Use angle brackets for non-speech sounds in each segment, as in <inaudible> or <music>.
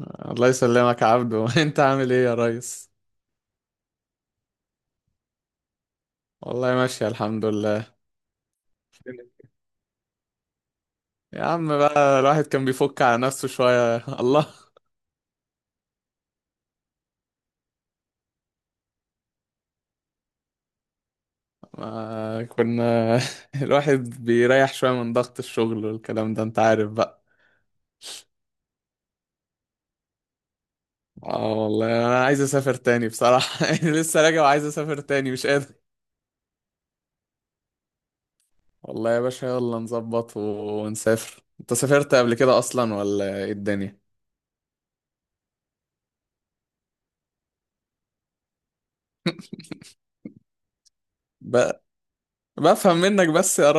الله يسلمك يا عبدو <laughs> انت عامل ايه يا ريس؟ والله ماشي الحمد لله. يا عم بقى الواحد كان بيفك على نفسه شوية <laughs> الله. ما كنا <laughs> الواحد بيريح شوية من ضغط الشغل والكلام ده، انت عارف بقى. اه والله انا عايز اسافر تاني بصراحة <laughs> يعني لسه راجع وعايز اسافر تاني، مش قادر. والله يا باشا يلا نظبط ونسافر. انت سافرت قبل كده اصلا ولا ايه الدنيا؟ بقى بفهم منك بس يا...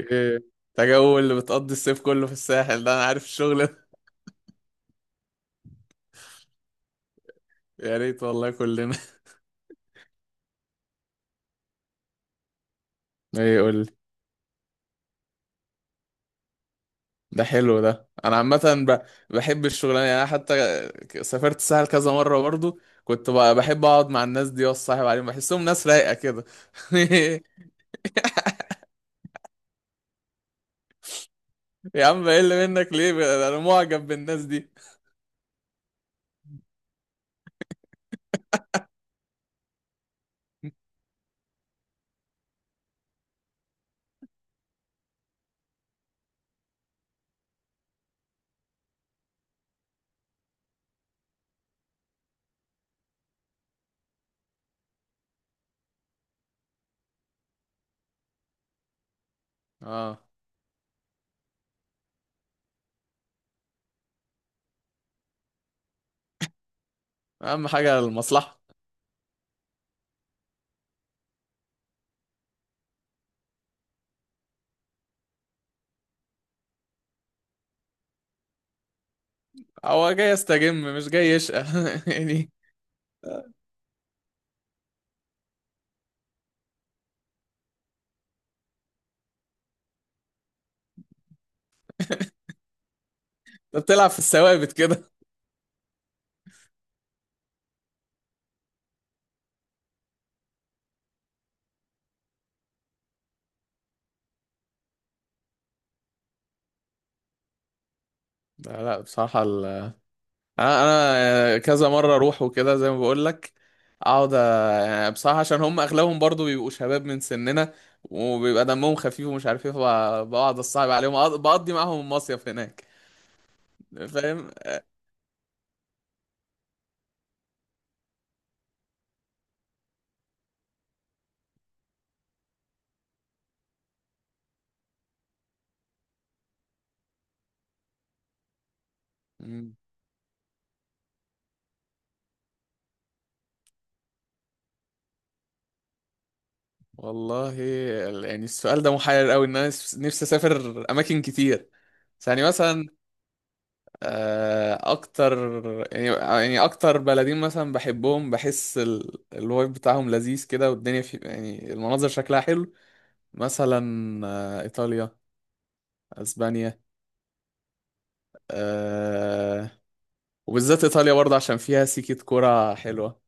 اوكي. ده جو اللي بتقضي الصيف كله في الساحل، ده انا عارف الشغل ده. <laughs> يا ريت والله كلنا. <laughs> ايه يقول لي؟ ده حلو، ده انا عامه ب- بحب الشغلانه، يعني انا حتى سافرت الساحل كذا مره، برضو كنت بحب اقعد مع الناس دي واصاحب عليهم، بحسهم ناس رايقه كده. <laughs> يا عم، بقل منك ليه؟ انا معجب بالناس دي. اه، اهم حاجه المصلحه. هو جاي يستجم مش جاي يشقى <laughs> يعني. انت بتلعب في الثوابت كده. لا لا بصراحه، انا، أنا كذا مره اروح وكده زي ما بقول لك، اقعد أ- يعني بصراحه عشان هم اغلبهم برضو بيبقوا شباب من سننا، وبيبقى دمهم خفيف ومش عارف ايه، بقعد اصعب عليهم، بقضي معاهم المصيف هناك. فاهم. مم. والله يعني السؤال ده محير قوي، ان انا نفسي اسافر اماكن كتير. بس يعني مثلا اكتر، يعني اكتر بلدين مثلا بحبهم، بحس الوايب بتاعهم لذيذ كده، والدنيا في يعني المناظر شكلها حلو. مثلا ايطاليا، اسبانيا، أه. وبالذات ايطاليا برضه عشان فيها سيكة كرة حلوة،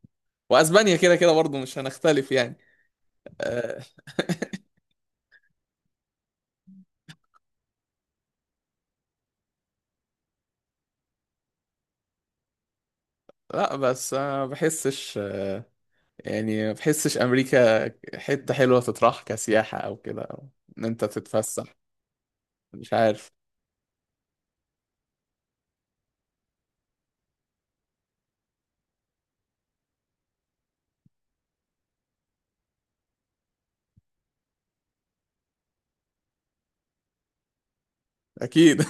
واسبانيا كده كده برضه مش هنختلف يعني. أه. <laughs> لا، بس انا ما بحسش، يعني ما بحسش امريكا حتة حلوة تطرح كسياحة او كده، أو ان انت تتفسح، مش عارف. اكيد،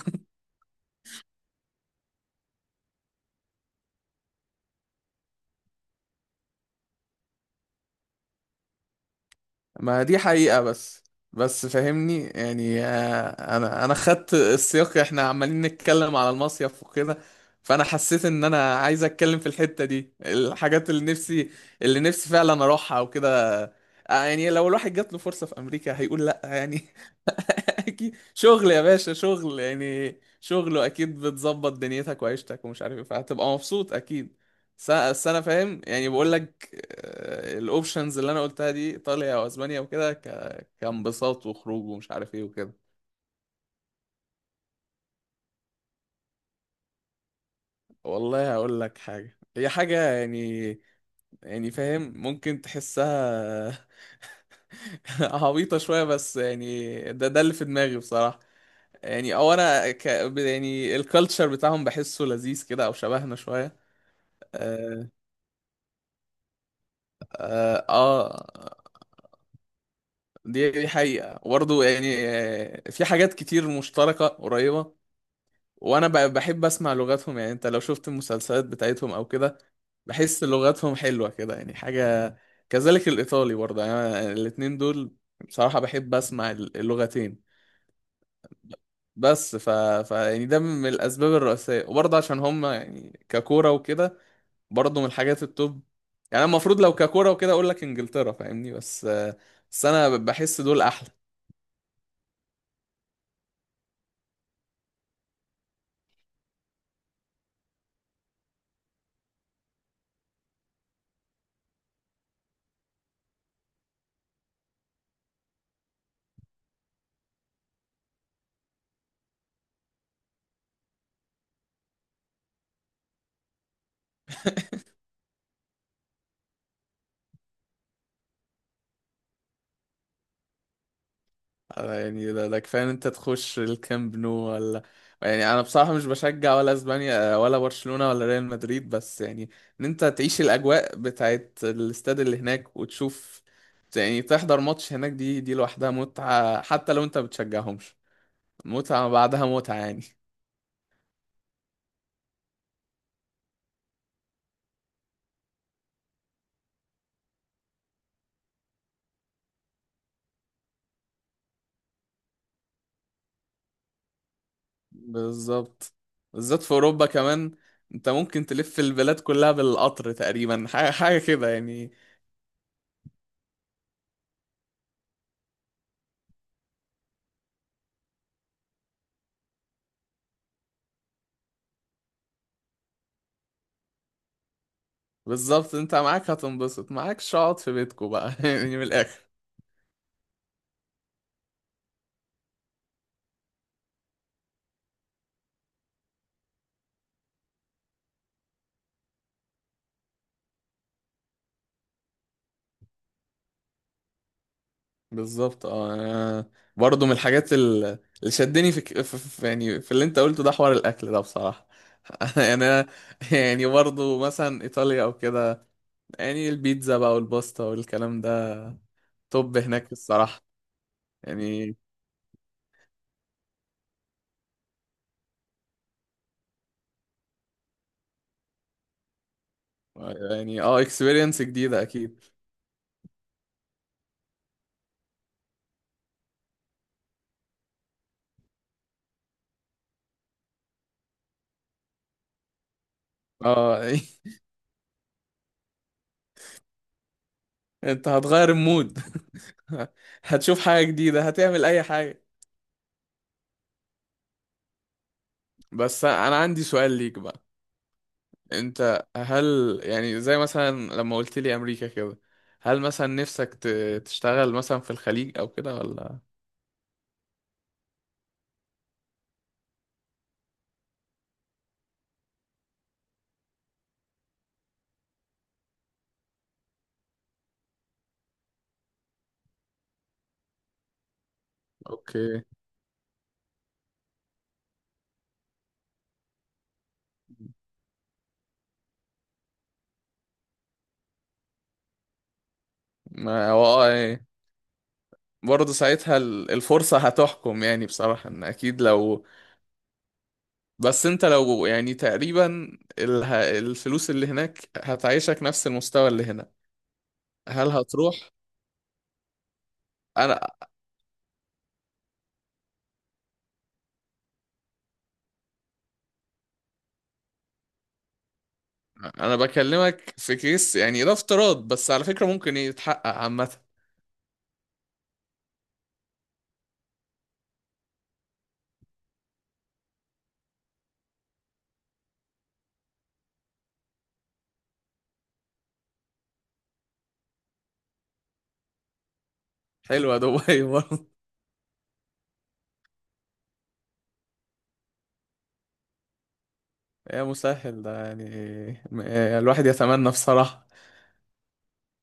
ما دي حقيقة، بس بس فاهمني يعني، انا خدت السياق، احنا عمالين نتكلم على المصيف وكده، فانا حسيت ان انا عايز اتكلم في الحتة دي الحاجات اللي نفسي، اللي نفسي فعلا اروحها وكده. يعني لو الواحد جات له فرصة في امريكا، هيقول لا يعني؟ <laughs> <laughs> اكيد شغل يا باشا، شغل يعني، شغله اكيد بتظبط دنيتك وعيشتك ومش عارف ايه، فهتبقى مبسوط اكيد. بس انا فاهم يعني، بقول لك الاوبشنز اللي انا قلتها دي ايطاليا واسبانيا وكده، كانبساط وخروج ومش عارف ايه وكده. والله هقول لك حاجه، هي حاجه يعني، يعني فاهم ممكن تحسها <laughs> عبيطه شويه، بس يعني ده اللي في دماغي بصراحه، يعني او انا يعني الكالتشر بتاعهم بحسه لذيذ كده، او شبهنا شويه. اه، آه، آه. دي حقيقة، وبرضه يعني في حاجات كتير مشتركة قريبة. وانا بحب اسمع لغاتهم، يعني انت لو شفت المسلسلات بتاعتهم او كده، بحس لغاتهم حلوة كده يعني، حاجة كذلك الايطالي برضه، يعني أنا الاتنين دول بصراحة بحب اسمع اللغتين. بس ف... ف يعني ده من الاسباب الرئيسية، وبرضه عشان هم يعني ككورة وكده برضه من الحاجات التوب، يعني أنا المفروض لو ككوره وكده اقول لك انجلترا، فاهمني، بس انا بحس دول احلى. <laughs> يعني ده كفايه ان انت تخش الكامب نو ولا؟ يعني انا بصراحه مش بشجع ولا اسبانيا ولا برشلونه ولا ريال مدريد، بس يعني ان انت تعيش الاجواء بتاعت الاستاد اللي هناك وتشوف، يعني تحضر ماتش هناك، دي لوحدها متعه، حتى لو انت بتشجعهمش، متعه بعدها متعه يعني. بالظبط، بالذات في اوروبا كمان انت ممكن تلف البلاد كلها بالقطر تقريبا، حاجه حاجه كده يعني. بالظبط، انت معاك هتنبسط، معاكش اقعد في بيتكو بقى <laughs> يعني، من الاخر. بالظبط، اه. انا برضه من الحاجات اللي شدني في يعني في اللي انت قلته، ده حوار الاكل ده بصراحه. <laughs> يعني انا، يعني برضه مثلا ايطاليا او كده، يعني البيتزا بقى والباستا والكلام ده توب هناك الصراحه يعني. يعني اه، اكسبيرينس جديده اكيد. اه <laughs> انت هتغير المود، <laughs> هتشوف حاجة جديدة، هتعمل اي حاجة. بس انا عندي سؤال ليك بقى. انت هل يعني زي مثلا لما قلت لي امريكا كده، هل مثلا نفسك تشتغل مثلا في الخليج او كده ولا؟ اوكي. ما هو اه، ايه، برضه ساعتها الفرصة هتحكم يعني بصراحة، ان اكيد لو... بس انت لو يعني تقريبا الفلوس اللي هناك هتعيشك نفس المستوى اللي هنا. هل هتروح؟ انا، بكلمك في كيس يعني، ده افتراض، بس على فكرة ممكن يتحقق عامة. حلوة دبي <laughs> برضه. يا مسهل ده يعني، الواحد يتمنى بصراحة.